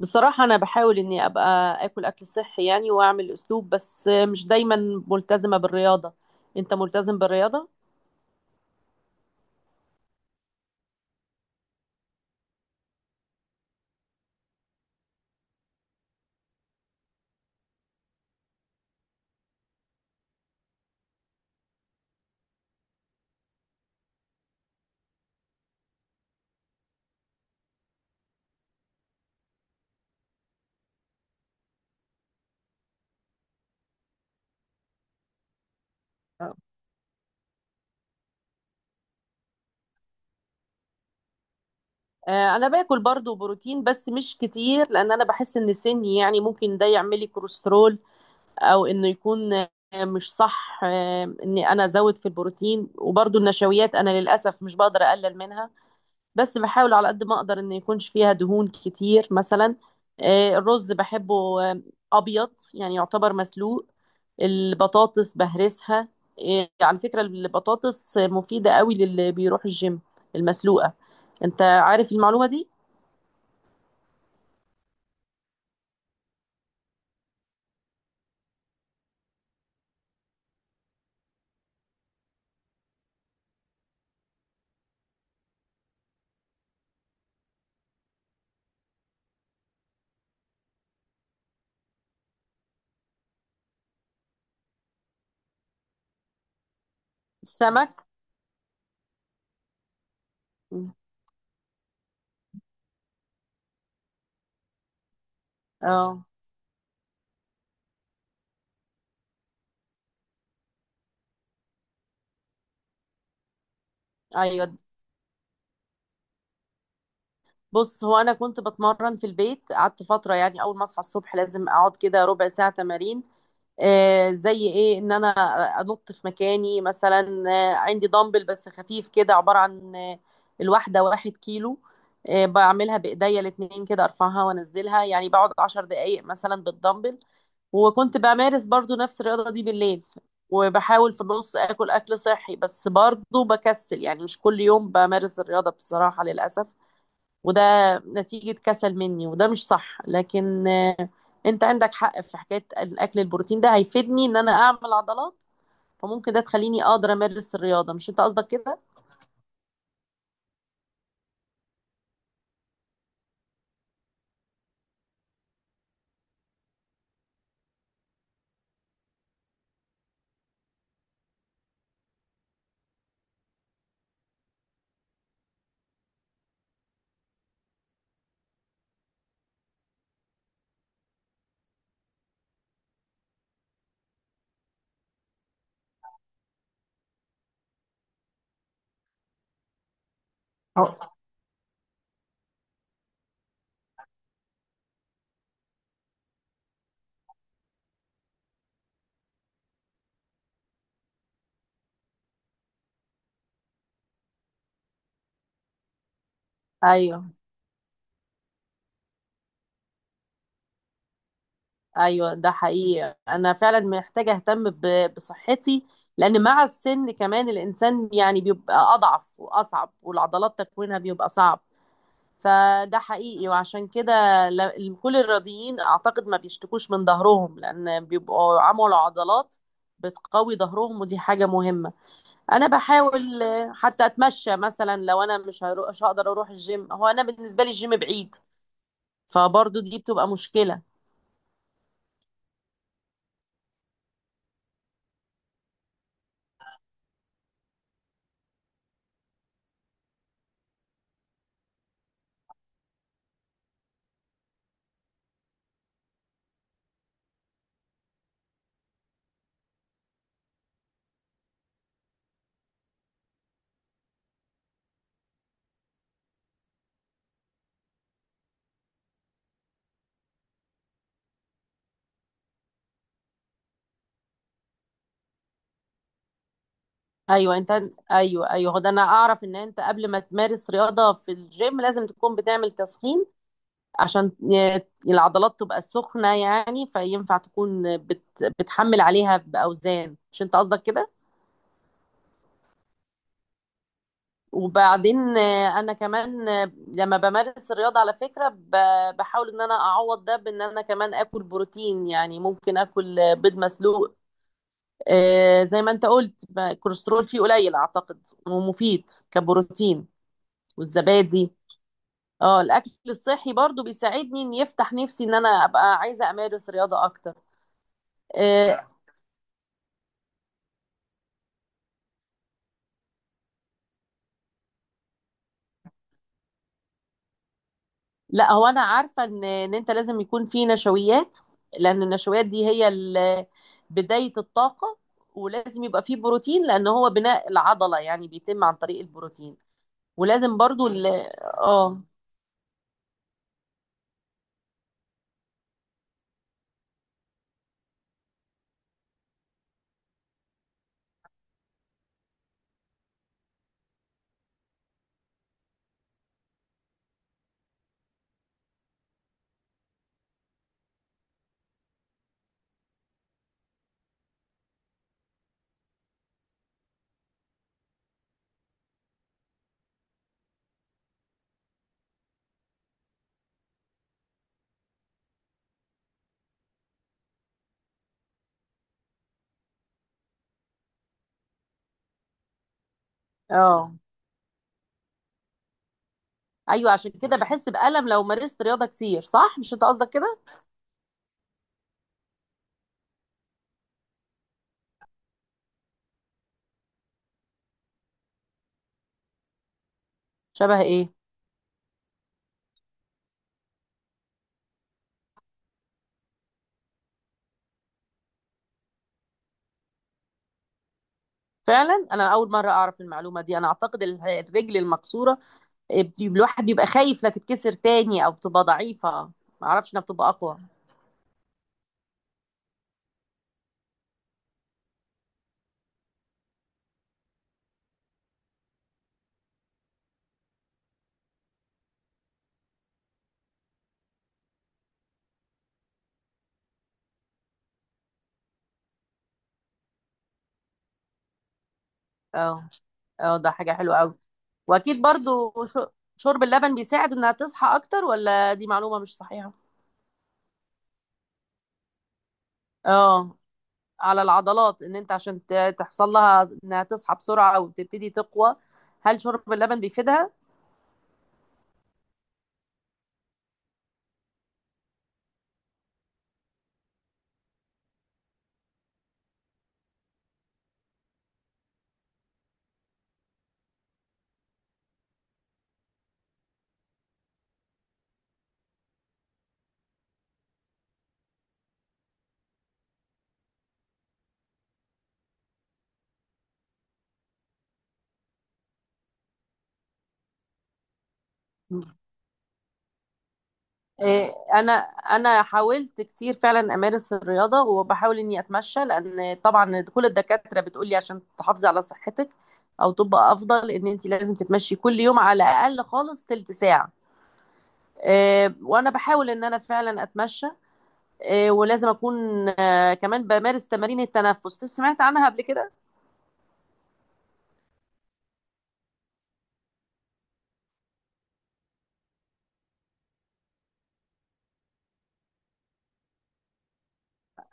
بصراحة أنا بحاول إني أبقى آكل أكل صحي يعني وأعمل أسلوب، بس مش دايما ملتزمة بالرياضة. أنت ملتزم بالرياضة؟ آه. أنا باكل برضو بروتين بس مش كتير، لأن أنا بحس إن سني يعني ممكن ده يعملي كوليسترول، أو إنه يكون مش صح إني أنا أزود في البروتين. وبرضو النشويات أنا للأسف مش بقدر أقلل منها، بس بحاول على قد ما أقدر إن يكونش فيها دهون كتير مثلا. الرز بحبه أبيض، يعني يعتبر مسلوق. البطاطس بهرسها. إيه، على فكرة البطاطس مفيدة قوي للي بيروح الجيم، المسلوقة. انت عارف المعلومة دي؟ السمك. اه. ايوه. بص، هو انا كنت بتمرن في البيت، قعدت فترة يعني اول ما اصحى الصبح لازم اقعد كده ربع ساعة تمارين. زي ايه؟ ان انا انط في مكاني مثلا. عندي دمبل بس خفيف كده، عبارة عن الواحدة 1 كيلو. بعملها بايديا الاتنين كده، ارفعها وانزلها، يعني بقعد 10 دقايق مثلا بالدمبل. وكنت بمارس برضو نفس الرياضة دي بالليل. وبحاول في النص اكل اكل صحي، بس برضو بكسل يعني مش كل يوم بمارس الرياضة بصراحة، للأسف. وده نتيجة كسل مني، وده مش صح، لكن انت عندك حق في حكاية الاكل. البروتين ده هيفيدني ان انا اعمل عضلات، فممكن ده تخليني اقدر امارس الرياضة. مش انت قصدك كده؟ أو- ايوه ايوه، ده حقيقي. انا فعلا محتاجة اهتم بصحتي، لان مع السن كمان الانسان يعني بيبقى اضعف واصعب، والعضلات تكوينها بيبقى صعب. فده حقيقي، وعشان كده كل الرياضيين اعتقد ما بيشتكوش من ظهرهم، لان بيبقوا عملوا عضلات بتقوي ظهرهم، ودي حاجة مهمة. انا بحاول حتى اتمشى مثلا، لو انا مش مش هقدر اروح الجيم. هو انا بالنسبة لي الجيم بعيد، فبرضو دي بتبقى مشكلة. ايوه انت. ايوه ايوه، هو ده. انا اعرف ان انت قبل ما تمارس رياضة في الجيم لازم تكون بتعمل تسخين، عشان العضلات تبقى سخنة، يعني فينفع تكون بتحمل عليها بأوزان. مش انت قصدك كده؟ وبعدين انا كمان لما بمارس الرياضة على فكرة بحاول ان انا اعوض ده بان انا كمان اكل بروتين، يعني ممكن اكل بيض مسلوق. زي ما انت قلت الكوليسترول فيه قليل اعتقد، ومفيد كبروتين. والزبادي. اه. الاكل الصحي برضو بيساعدني ان يفتح نفسي ان انا ابقى عايزة امارس رياضة اكتر. آه، لا، هو انا عارفه ان انت لازم يكون في نشويات، لان النشويات دي هي بدايه الطاقه. ولازم يبقى فيه بروتين، لان هو بناء العضله يعني بيتم عن طريق البروتين. ولازم برضو اه اه. ايوه، عشان كده بحس بألم لو مارست رياضه كتير. صح؟ مش انت قصدك كده؟ شبه ايه؟ فعلا انا اول مره اعرف المعلومه دي. انا اعتقد الرجل المكسوره، إيه، الواحد بيبقى خايف لا تتكسر تاني او بتبقى ضعيفه. ما اعرفش انها بتبقى اقوى. اه اه، ده حاجة حلوة قوي. واكيد برضو شرب اللبن بيساعد انها تصحى اكتر؟ ولا دي معلومة مش صحيحة؟ اه. على العضلات. ان انت عشان تحصل لها انها تصحى بسرعة او تبتدي تقوى، هل شرب اللبن بيفيدها؟ إيه، انا حاولت كتير فعلا امارس الرياضه، وبحاول اني اتمشى. لان طبعا كل الدكاتره بتقولي عشان تحافظي على صحتك او تبقى افضل ان انت لازم تتمشي كل يوم على الاقل خالص تلت ساعه. وانا بحاول ان انا فعلا اتمشى. ولازم اكون كمان بمارس تمارين التنفس. سمعت عنها قبل كده؟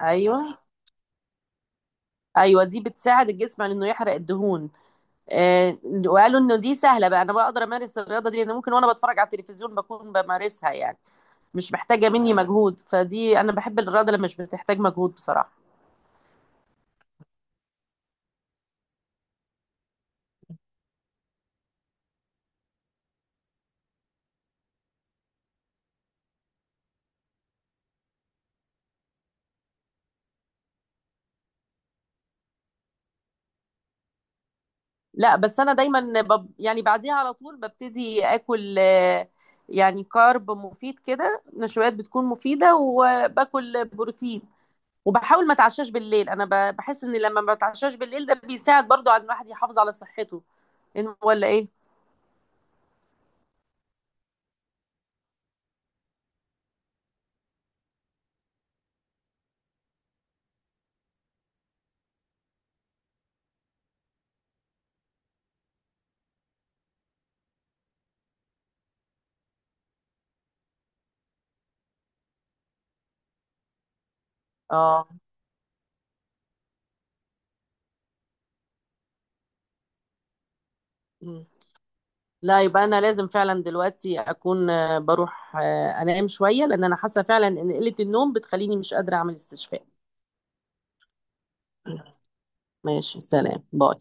ايوه ايوه، دي بتساعد الجسم على انه يحرق الدهون. آه، وقالوا انه دي سهله بقى، انا بقدر امارس الرياضه دي، لان ممكن وانا بتفرج على التلفزيون بكون بمارسها يعني. مش محتاجه مني مجهود، فدي انا بحب الرياضه اللي مش بتحتاج مجهود بصراحه. لا، بس انا دايما يعني بعديها على طول ببتدي اكل يعني كارب مفيد كده. نشويات بتكون مفيده، وباكل بروتين. وبحاول ما اتعشاش بالليل. انا بحس ان لما ما بتعشاش بالليل ده بيساعد برضو على ان الواحد يحافظ على صحته. ولا ايه؟ اه. مم. لا، يبقى انا لازم فعلا دلوقتي اكون بروح انام شويه، لان انا حاسه فعلا ان قله النوم بتخليني مش قادره اعمل استشفاء. ماشي، سلام، باي.